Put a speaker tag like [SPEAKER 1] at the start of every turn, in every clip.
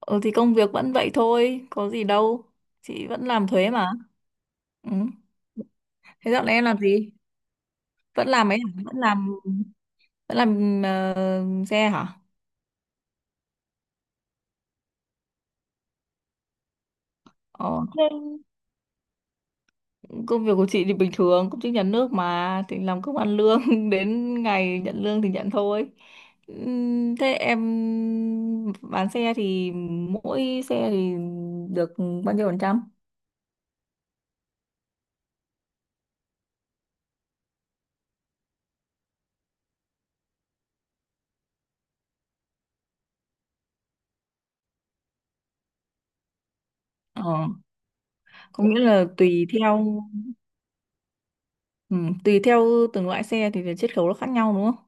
[SPEAKER 1] Ừ thì công việc vẫn vậy thôi, có gì đâu. Chị vẫn làm thuế mà. Ừ. Thế dạo này em làm gì? Vẫn làm ấy hả? Vẫn làm xe hả? Ờ. Thế, công việc của chị thì bình thường, công chức nhà nước mà thì làm công ăn lương đến ngày nhận lương thì nhận thôi. Thế em bán xe thì mỗi xe thì được bao nhiêu phần trăm? Ờ, có nghĩa là tùy theo ừ, tùy theo từng loại xe thì cái chiết khấu nó khác nhau, đúng không?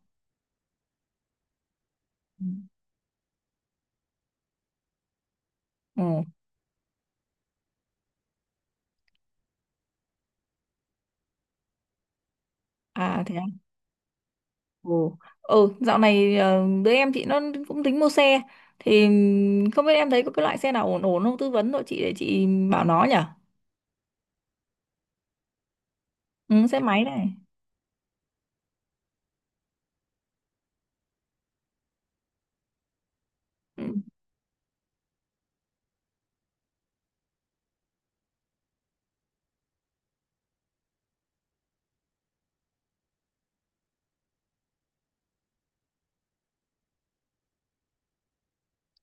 [SPEAKER 1] Ừ. À thế à? Ừ. Ừ, dạo này đứa em chị nó cũng tính mua xe thì không biết em thấy có cái loại xe nào ổn ổn không, tư vấn cho chị để chị bảo nó nhỉ. Ừ, xe máy này. Ừ.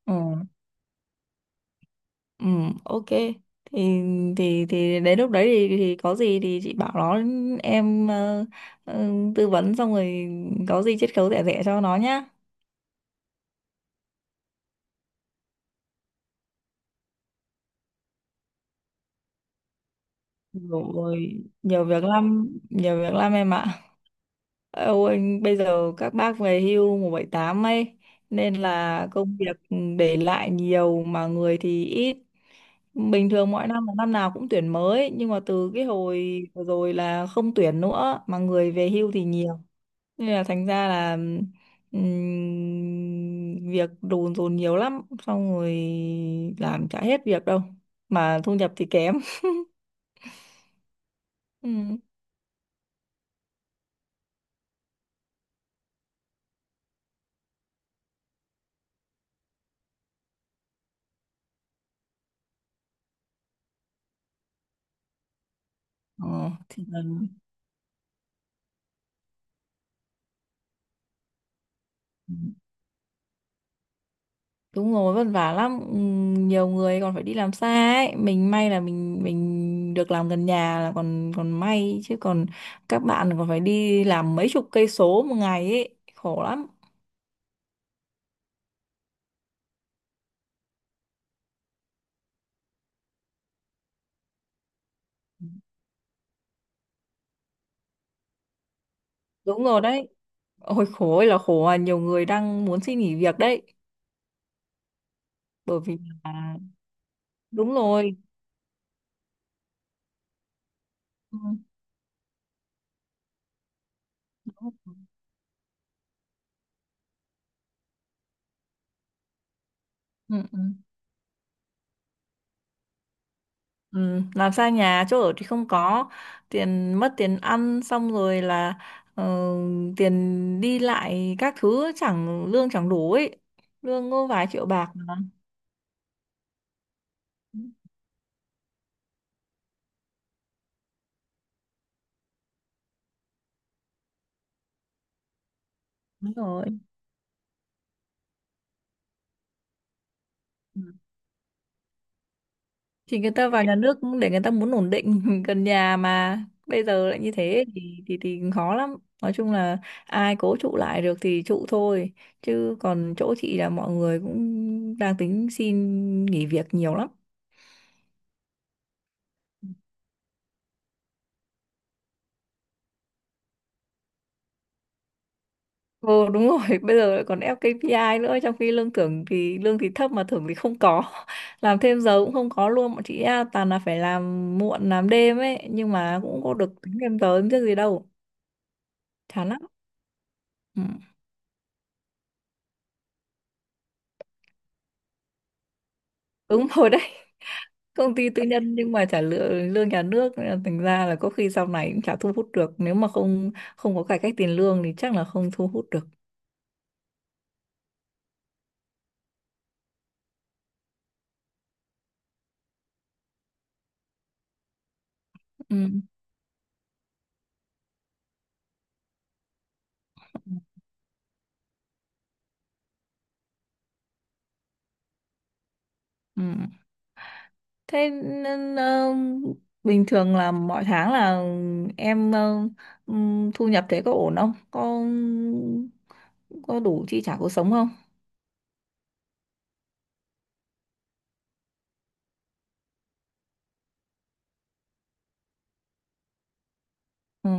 [SPEAKER 1] Ừ. Ừ, ok. Thì thì đến lúc đấy thì có gì thì chị bảo nó em tư vấn xong rồi có gì chiết khấu rẻ rẻ cho nó nhá. Nhiều nhiều việc lắm em ạ. Âu anh bây giờ các bác về hưu 178 ấy, nên là công việc để lại nhiều mà người thì ít. Bình thường mỗi năm là năm nào cũng tuyển mới, nhưng mà từ cái hồi vừa rồi là không tuyển nữa mà người về hưu thì nhiều. Nên là thành ra là việc đồn dồn nhiều lắm, xong rồi làm chả hết việc đâu mà thu nhập thì kém. Ừ. Ờ, thì là đúng rồi, vất vả lắm. Ừ, nhiều người còn phải đi làm xa ấy, mình may là mình được làm gần nhà là còn còn may, chứ còn các bạn còn phải đi làm mấy chục cây số một ngày ấy, khổ lắm. Đúng rồi đấy, ôi khổ ơi là khổ. À, nhiều người đang muốn xin nghỉ việc đấy, bởi vì đúng rồi, ừ. Ừ. Ừ. Ừ, làm xa nhà, chỗ ở thì không có, tiền mất tiền ăn, xong rồi là ờ, tiền đi lại các thứ chẳng lương chẳng đủ ấy, lương có vài triệu bạc mà. Đúng rồi. Ừ. Thì người ta vào nhà nước cũng để người ta muốn ổn định gần nhà mà, bây giờ lại như thế thì khó lắm. Nói chung là ai cố trụ lại được thì trụ thôi, chứ còn chỗ chị là mọi người cũng đang tính xin nghỉ việc nhiều lắm. Ồ đúng rồi, bây giờ lại còn ép KPI nữa, trong khi lương thưởng thì lương thì thấp mà thưởng thì không có. Làm thêm giờ cũng không có luôn, bọn chị à, toàn là phải làm muộn làm đêm ấy, nhưng mà cũng có được tính thêm giờ chứ gì đâu. Chán lắm. Ừ. Đúng rồi đấy. Công ty tư nhân nhưng mà trả lương lương nhà nước, nên là thành ra là có khi sau này cũng chả thu hút được, nếu mà không không có cải cách tiền lương thì chắc là không thu hút được. Ừ. Ừ. Thế nên, bình thường là mỗi tháng là em thu nhập thế có ổn không? Có đủ chi trả cuộc sống không? Ừ.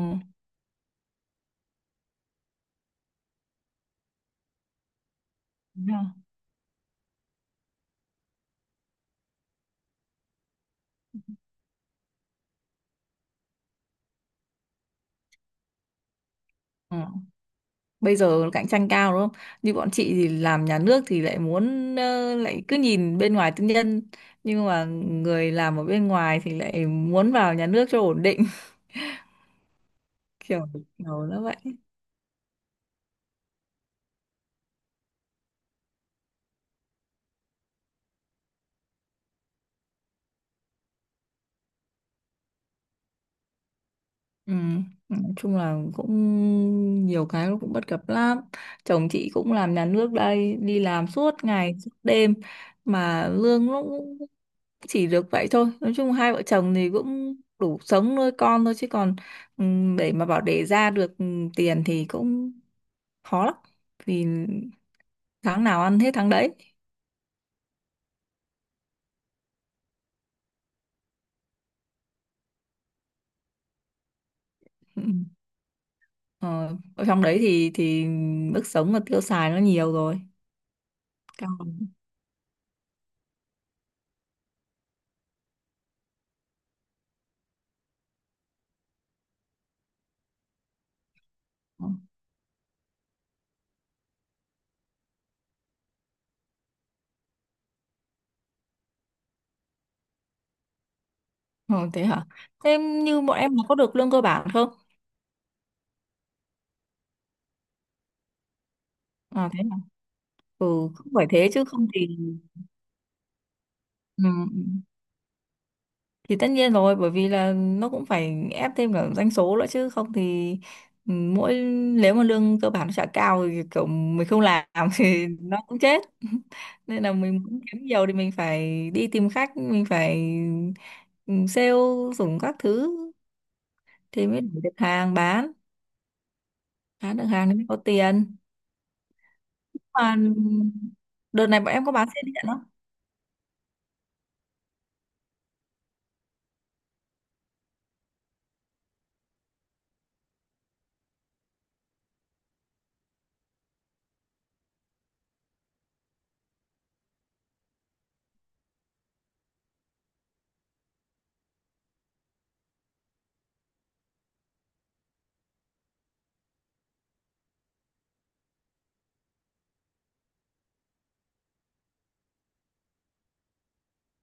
[SPEAKER 1] Đúng rồi. Ừ. Bây giờ cạnh tranh cao đúng không? Như bọn chị thì làm nhà nước thì lại muốn lại cứ nhìn bên ngoài tư nhân, nhưng mà người làm ở bên ngoài thì lại muốn vào nhà nước cho ổn định. kiểu kiểu nó vậy. Ừ. Nói chung là cũng nhiều cái nó cũng bất cập lắm, chồng chị cũng làm nhà nước đây, đi làm suốt ngày suốt đêm mà lương nó cũng chỉ được vậy thôi. Nói chung hai vợ chồng thì cũng đủ sống nuôi con thôi, chứ còn ừ, để mà bảo để ra được ừ, tiền thì cũng khó lắm, vì tháng nào ăn hết tháng đấy. Ừ. ờ, Ở trong đấy thì mức sống và tiêu xài nó nhiều rồi, cao. Ờ, thế hả? Thế như bọn em nó có được lương cơ bản không? À thế hả? Ừ, cũng phải thế chứ không thì ừ, ừ. Thì tất nhiên rồi, bởi vì là nó cũng phải ép thêm cả doanh số nữa chứ không thì ừ, nếu mà lương cơ bản nó chả cao thì kiểu mình không làm thì nó cũng chết. Nên là mình muốn kiếm nhiều thì mình phải đi tìm khách, mình phải sale dùng các thứ thì mới đủ được hàng bán được hàng thì mới có tiền. Mà đợt này bọn em có bán xe điện lắm.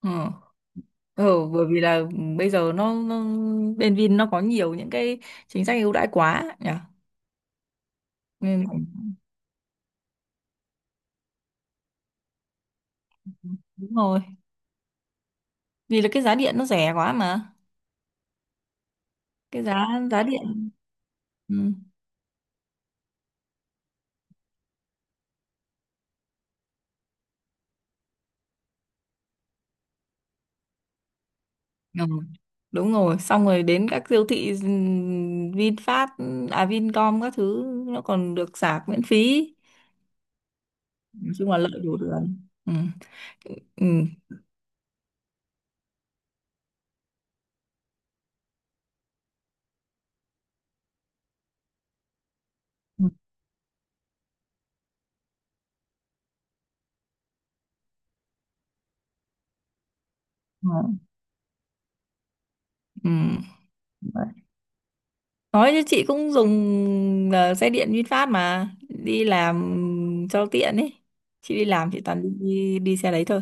[SPEAKER 1] Ừ. Ừ, bởi vì là bây giờ nó bên Vin nó có nhiều những cái chính sách ưu đãi quá nhỉ, nên đúng rồi, vì là cái giá điện nó rẻ quá mà. Cái giá giá điện, ừ. Ừ. Đúng rồi, xong rồi đến các siêu thị VinFast, à Vincom các thứ nó còn được sạc miễn phí. Nói chung là lợi đủ đường, ừ. Ừ. Ừ. Ừ. Ừ. Nói chứ chị cũng dùng xe điện VinFast mà đi làm cho tiện ấy. Chị đi làm chị toàn đi đi xe đấy thôi.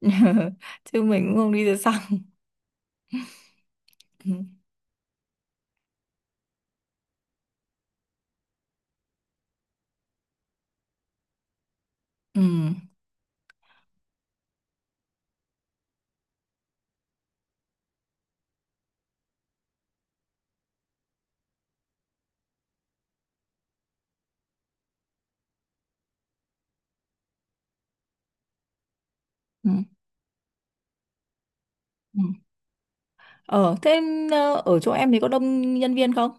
[SPEAKER 1] Chứ mình cũng không đi xe xăng. Ừ. Ừ. Ừ. Ừ. Ờ thế ở chỗ em thì có đông nhân viên không?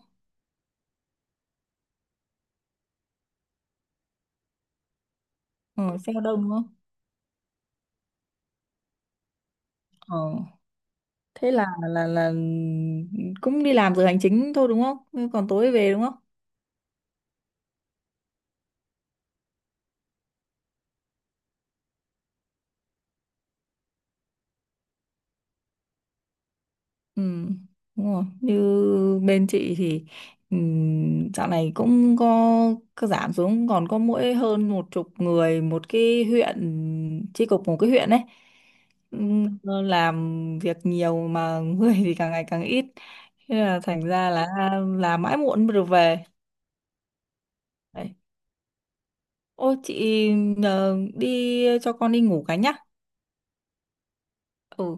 [SPEAKER 1] Ờ xe có đông đúng không? Ờ thế là cũng đi làm giờ hành chính thôi đúng không? Còn tối về đúng không? Ừ, đúng rồi. Như bên chị thì dạo này cũng có giảm xuống còn có mỗi hơn một chục người một cái huyện, chi cục một cái huyện ấy. Ừm, làm việc nhiều mà người thì càng ngày càng ít, thế là thành ra là làm mãi muộn mới được về. Đấy. Ô chị đi cho con đi ngủ cái nhá. Ừ,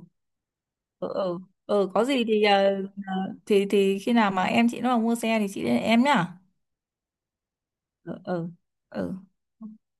[SPEAKER 1] ừ. Ừ, ừ có gì thì ờ, thì khi nào mà em chị nó mà mua xe thì chị đến em nhá. Ừ, ừ, ừ.